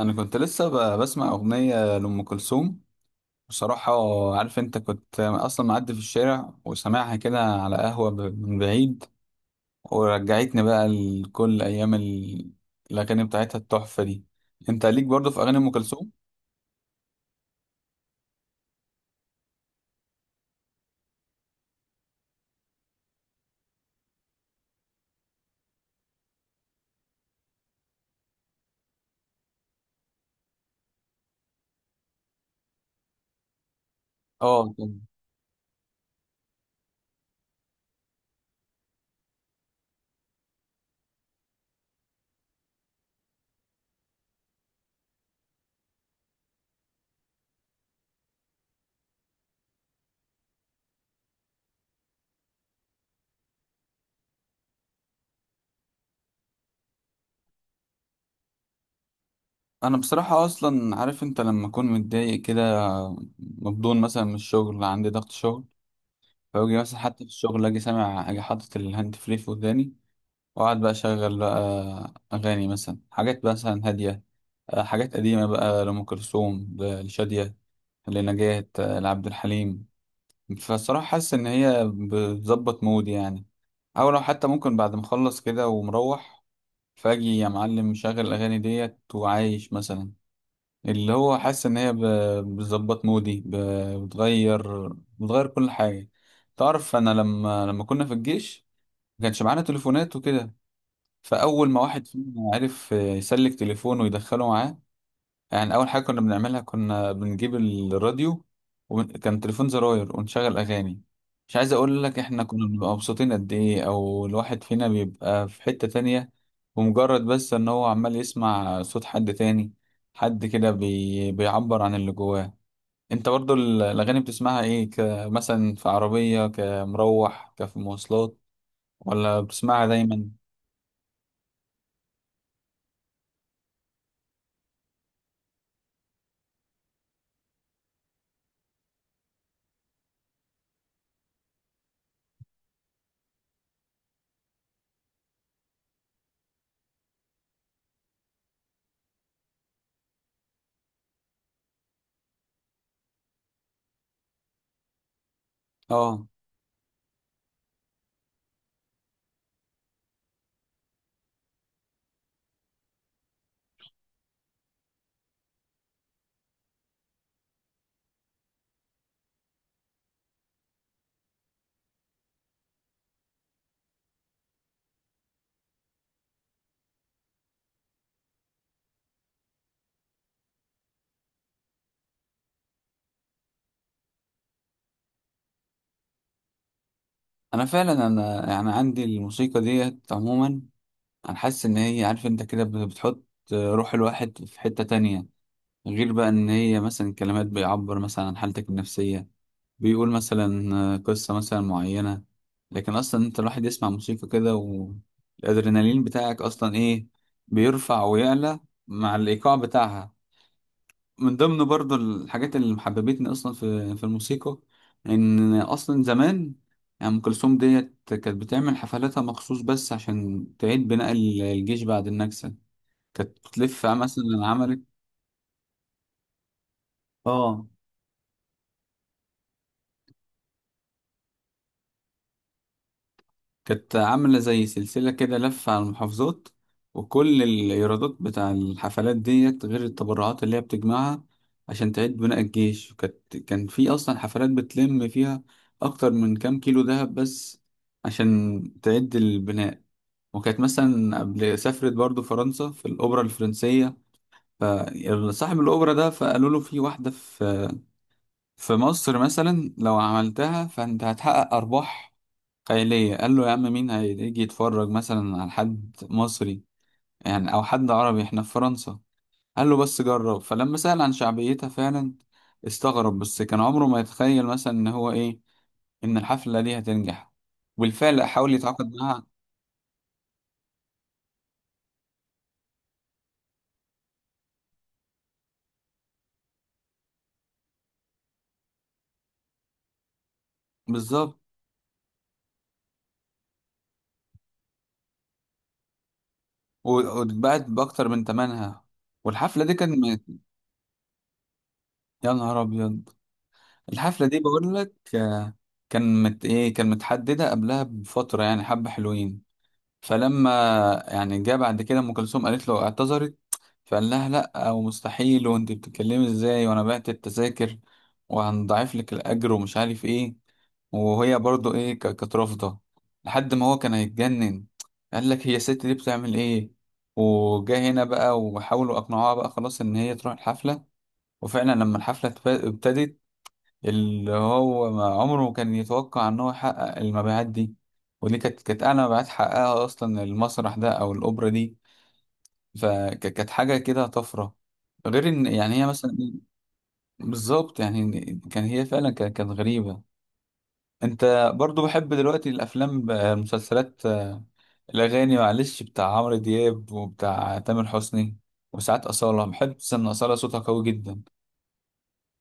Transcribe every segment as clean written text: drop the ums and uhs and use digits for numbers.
انا كنت لسه بسمع اغنيه لام كلثوم بصراحه. عارف انت، كنت اصلا معدي في الشارع وسامعها كده على قهوه من بعيد، ورجعتني بقى لكل ايام الاغاني بتاعتها التحفه دي. انت ليك برضو في اغاني ام كلثوم؟ اه طبعا. انا بصراحه اصلا، عارف انت، لما اكون متضايق كده، مبدون مثلا من الشغل، عندي ضغط شغل، فاجي مثلا حتى في الشغل اجي سامع، اجي حاطط الهاند فري في وداني واقعد بقى اشغل بقى اغاني، مثلا حاجات مثلا هاديه، حاجات قديمة بقى لأم كلثوم، لشادية، لنجاة، لعبد الحليم. فالصراحة حاسس إن هي بتظبط مود يعني. أو لو حتى ممكن بعد ما أخلص كده ومروح، فأجي يا معلم مشغل الأغاني ديت وعايش مثلا، اللي هو حاسس إن هي بتظبط مودي، بتغير، بتغير كل حاجة. تعرف أنا لما كنا في الجيش ما كانش معانا تليفونات وكده، فأول ما واحد فينا عرف يسلك تليفونه ويدخله معاه، يعني اول حاجه كنا بنعملها كنا بنجيب الراديو، وكان تليفون زراير، ونشغل اغاني. مش عايز اقول لك احنا كنا بنبقى مبسوطين قد ايه، او الواحد فينا بيبقى في حته تانية ومجرد بس ان هو عمال يسمع صوت حد تاني، حد كده بيعبر عن اللي جواه. انت برضو الاغاني بتسمعها ايه، كمثلا في عربيه، كمروح، كفي مواصلات، ولا بتسمعها دايما؟ اه، انا فعلا انا يعني عندي الموسيقى ديت عموما، انا حاسس ان هي، عارف انت، كده بتحط روح الواحد في حتة تانية. غير بقى ان هي مثلا كلمات بيعبر مثلا عن حالتك النفسية، بيقول مثلا قصة مثلا معينة. لكن اصلا انت الواحد يسمع موسيقى كده والادرينالين بتاعك اصلا ايه، بيرفع ويعلى مع الايقاع بتاعها. من ضمن برضو الحاجات اللي محببتني اصلا في الموسيقى ان اصلا زمان، يعني ام كلثوم ديت كانت بتعمل حفلاتها مخصوص بس عشان تعيد بناء الجيش بعد النكسه. كانت بتلف مثلا، عملت، اه، كانت عاملة زي سلسلة كده، لفة على المحافظات، وكل الإيرادات بتاع الحفلات ديت، غير التبرعات اللي هي بتجمعها، عشان تعيد بناء الجيش. وكانت، كان في أصلا حفلات بتلم فيها أكتر من كام كيلو دهب، بس عشان تعيد البناء. وكانت مثلا قبل سافرت برضو فرنسا في الأوبرا الفرنسية، فصاحب الأوبرا ده فقالوا له في واحدة في في مصر مثلا لو عملتها فأنت هتحقق أرباح خيالية. قال له يا عم مين هيجي يتفرج مثلا على حد مصري يعني أو حد عربي احنا في فرنسا. قال له بس جرب. فلما سأل عن شعبيتها فعلا استغرب، بس كان عمره ما يتخيل مثلا إن هو إيه، إن الحفلة دي هتنجح. وبالفعل حاول يتعاقد معاها. بالظبط. و- واتباعت بأكتر من تمنها، والحفلة دي كان يا نهار أبيض. الحفلة دي بقول لك، آه، كان إيه، كان متحددة قبلها بفترة يعني حبة حلوين. فلما، يعني جه بعد كده ام كلثوم قالت له اعتذرت، فقال لها لا ومستحيل، وانت بتتكلمي ازاي وانا بعت التذاكر وهنضاعف لك الاجر ومش عارف ايه. وهي برضو ايه، كانت رافضه لحد ما هو كان هيتجنن، قال لك هي الست دي بتعمل ايه. وجا هنا بقى وحاولوا اقنعوها بقى خلاص ان هي تروح الحفله. وفعلا لما الحفله ابتدت، اللي هو ما عمره ما كان يتوقع ان هو يحقق المبيعات دي. ودي كانت، اعلى مبيعات حققها اصلا المسرح ده او الاوبرا دي. فكانت حاجه كده طفره، غير ان يعني هي مثلا إيه، بالظبط يعني. كان هي فعلا كانت غريبه. انت برضو بحب دلوقتي الافلام المسلسلات، آه، الاغاني معلش بتاع عمرو دياب وبتاع تامر حسني، وساعات اصاله، بحب ان اصاله صوتها قوي جدا.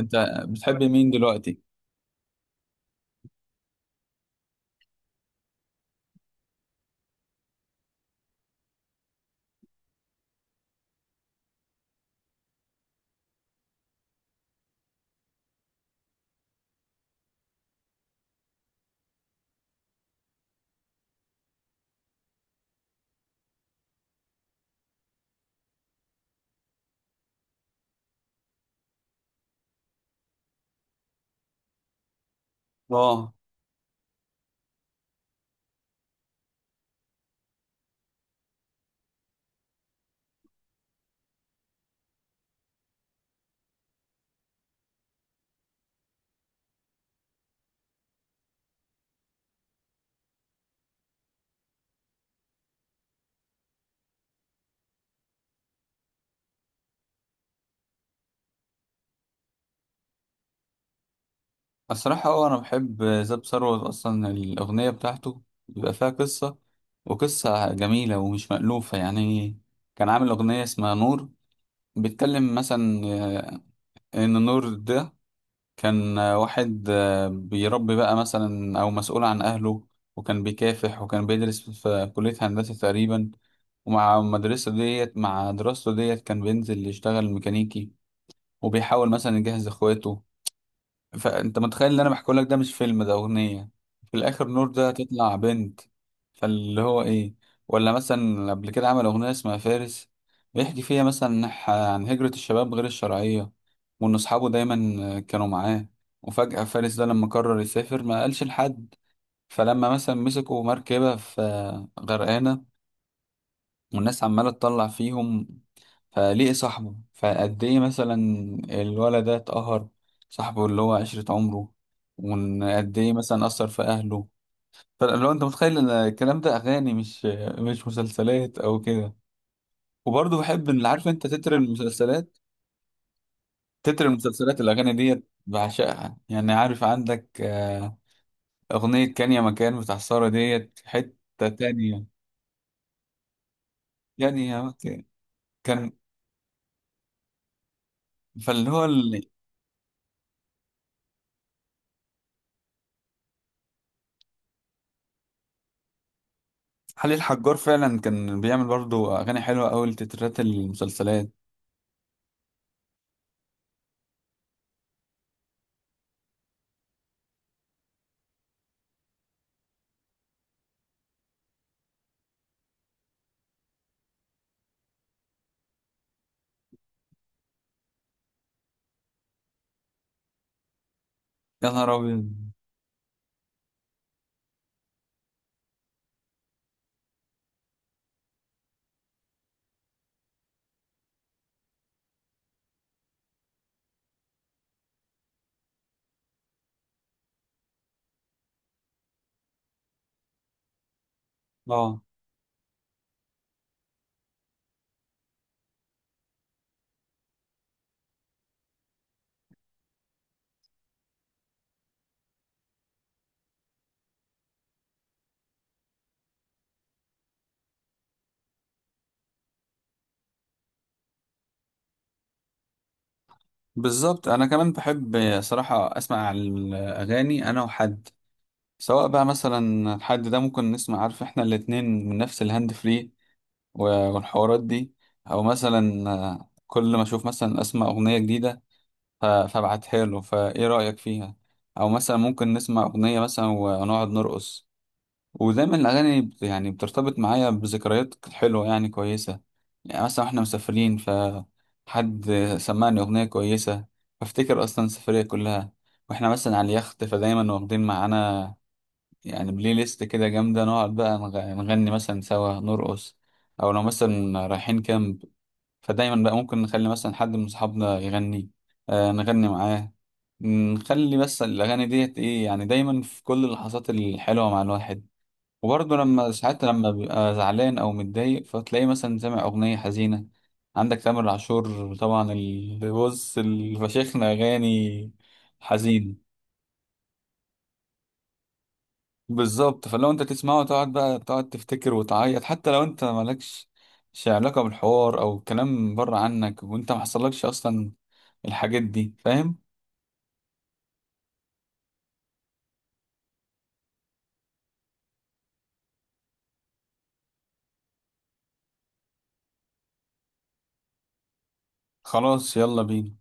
انت بتحب مين دلوقتي؟ اه الصراحة، اه، أنا بحب زاب ثروت. أصلا الأغنية بتاعته بيبقى فيها قصة، وقصة جميلة ومش مألوفة يعني. كان عامل أغنية اسمها نور، بيتكلم مثلا، إن نور ده كان، واحد، بيربي بقى مثلا أو مسؤول عن أهله، وكان بيكافح وكان بيدرس في كلية هندسة تقريبا، ومع المدرسة ديت، مع دراسته ديت، كان بينزل يشتغل ميكانيكي وبيحاول مثلا يجهز إخواته. فانت متخيل ان انا بحكي لك ده مش فيلم، ده اغنيه. في الاخر نور ده هتطلع بنت. فاللي هو ايه. ولا مثلا قبل كده عمل اغنيه اسمها فارس، بيحكي فيها مثلا عن هجره الشباب غير الشرعيه، وان اصحابه دايما كانوا معاه وفجاه فارس ده لما قرر يسافر ما قالش لحد. فلما مثلا مسكوا مركبه في غرقانه، والناس عماله تطلع فيهم، فليه صاحبه فقد ايه مثلا، الولد ده اتقهر، صاحبه اللي هو عشرة عمره، وقد ايه مثلا أثر في أهله. فلو انت متخيل ان الكلام ده أغاني مش، مش مسلسلات أو كده. وبرضه بحب ان، عارف انت، تتر المسلسلات، تتر المسلسلات الأغاني ديت بعشقها يعني. عارف عندك، آه، أغنية كان يا مكان بتاع سارة ديت حتة تانية. يعني يا مكان كان. فاللي هو خليل حجار فعلا كان بيعمل برضو اغاني حلوه قوي لتترات المسلسلات. يا نهار ابيض. اه بالظبط. انا كمان بحب صراحه اسمع الاغاني انا وحد، سواء بقى مثلا الحد ده ممكن نسمع، عارف احنا الاتنين من نفس الهاند فري والحوارات دي، او مثلا، آه، كل ما اشوف مثلا اسمع اغنيه جديده فابعتها له، فايه رايك فيها. او مثلا ممكن نسمع اغنيه مثلا ونقعد نرقص. ودايما الأغاني يعني بترتبط معايا بذكريات حلوة يعني كويسة. يعني مثلا احنا مسافرين، فحد سمعني أغنية كويسة، فافتكر أصلا السفرية كلها. واحنا مثلا على اليخت، فدايما واخدين معانا يعني بلاي ليست كده جامدة، نقعد بقى نغني مثلا سوا، نرقص. أو لو مثلا رايحين كامب، فدايما بقى ممكن نخلي مثلا حد من أصحابنا يغني، آه نغني معاه، نخلي بس الأغاني ديت إيه يعني دايما في كل اللحظات الحلوة مع الواحد. وبرضه لما ساعات لما بيبقى زعلان او متضايق، فتلاقيه مثلا سامع اغنيه حزينه. عندك تامر عاشور طبعا اللي بص الفشيخنا اغاني حزين. بالظبط. فلو انت تسمعه تقعد بقى، تقعد تفتكر وتعيط، حتى لو انت مالكش شي علاقه بالحوار او كلام بره عنك وانت محصلكش اصلا الحاجات دي، فاهم. خلاص يلا بينا.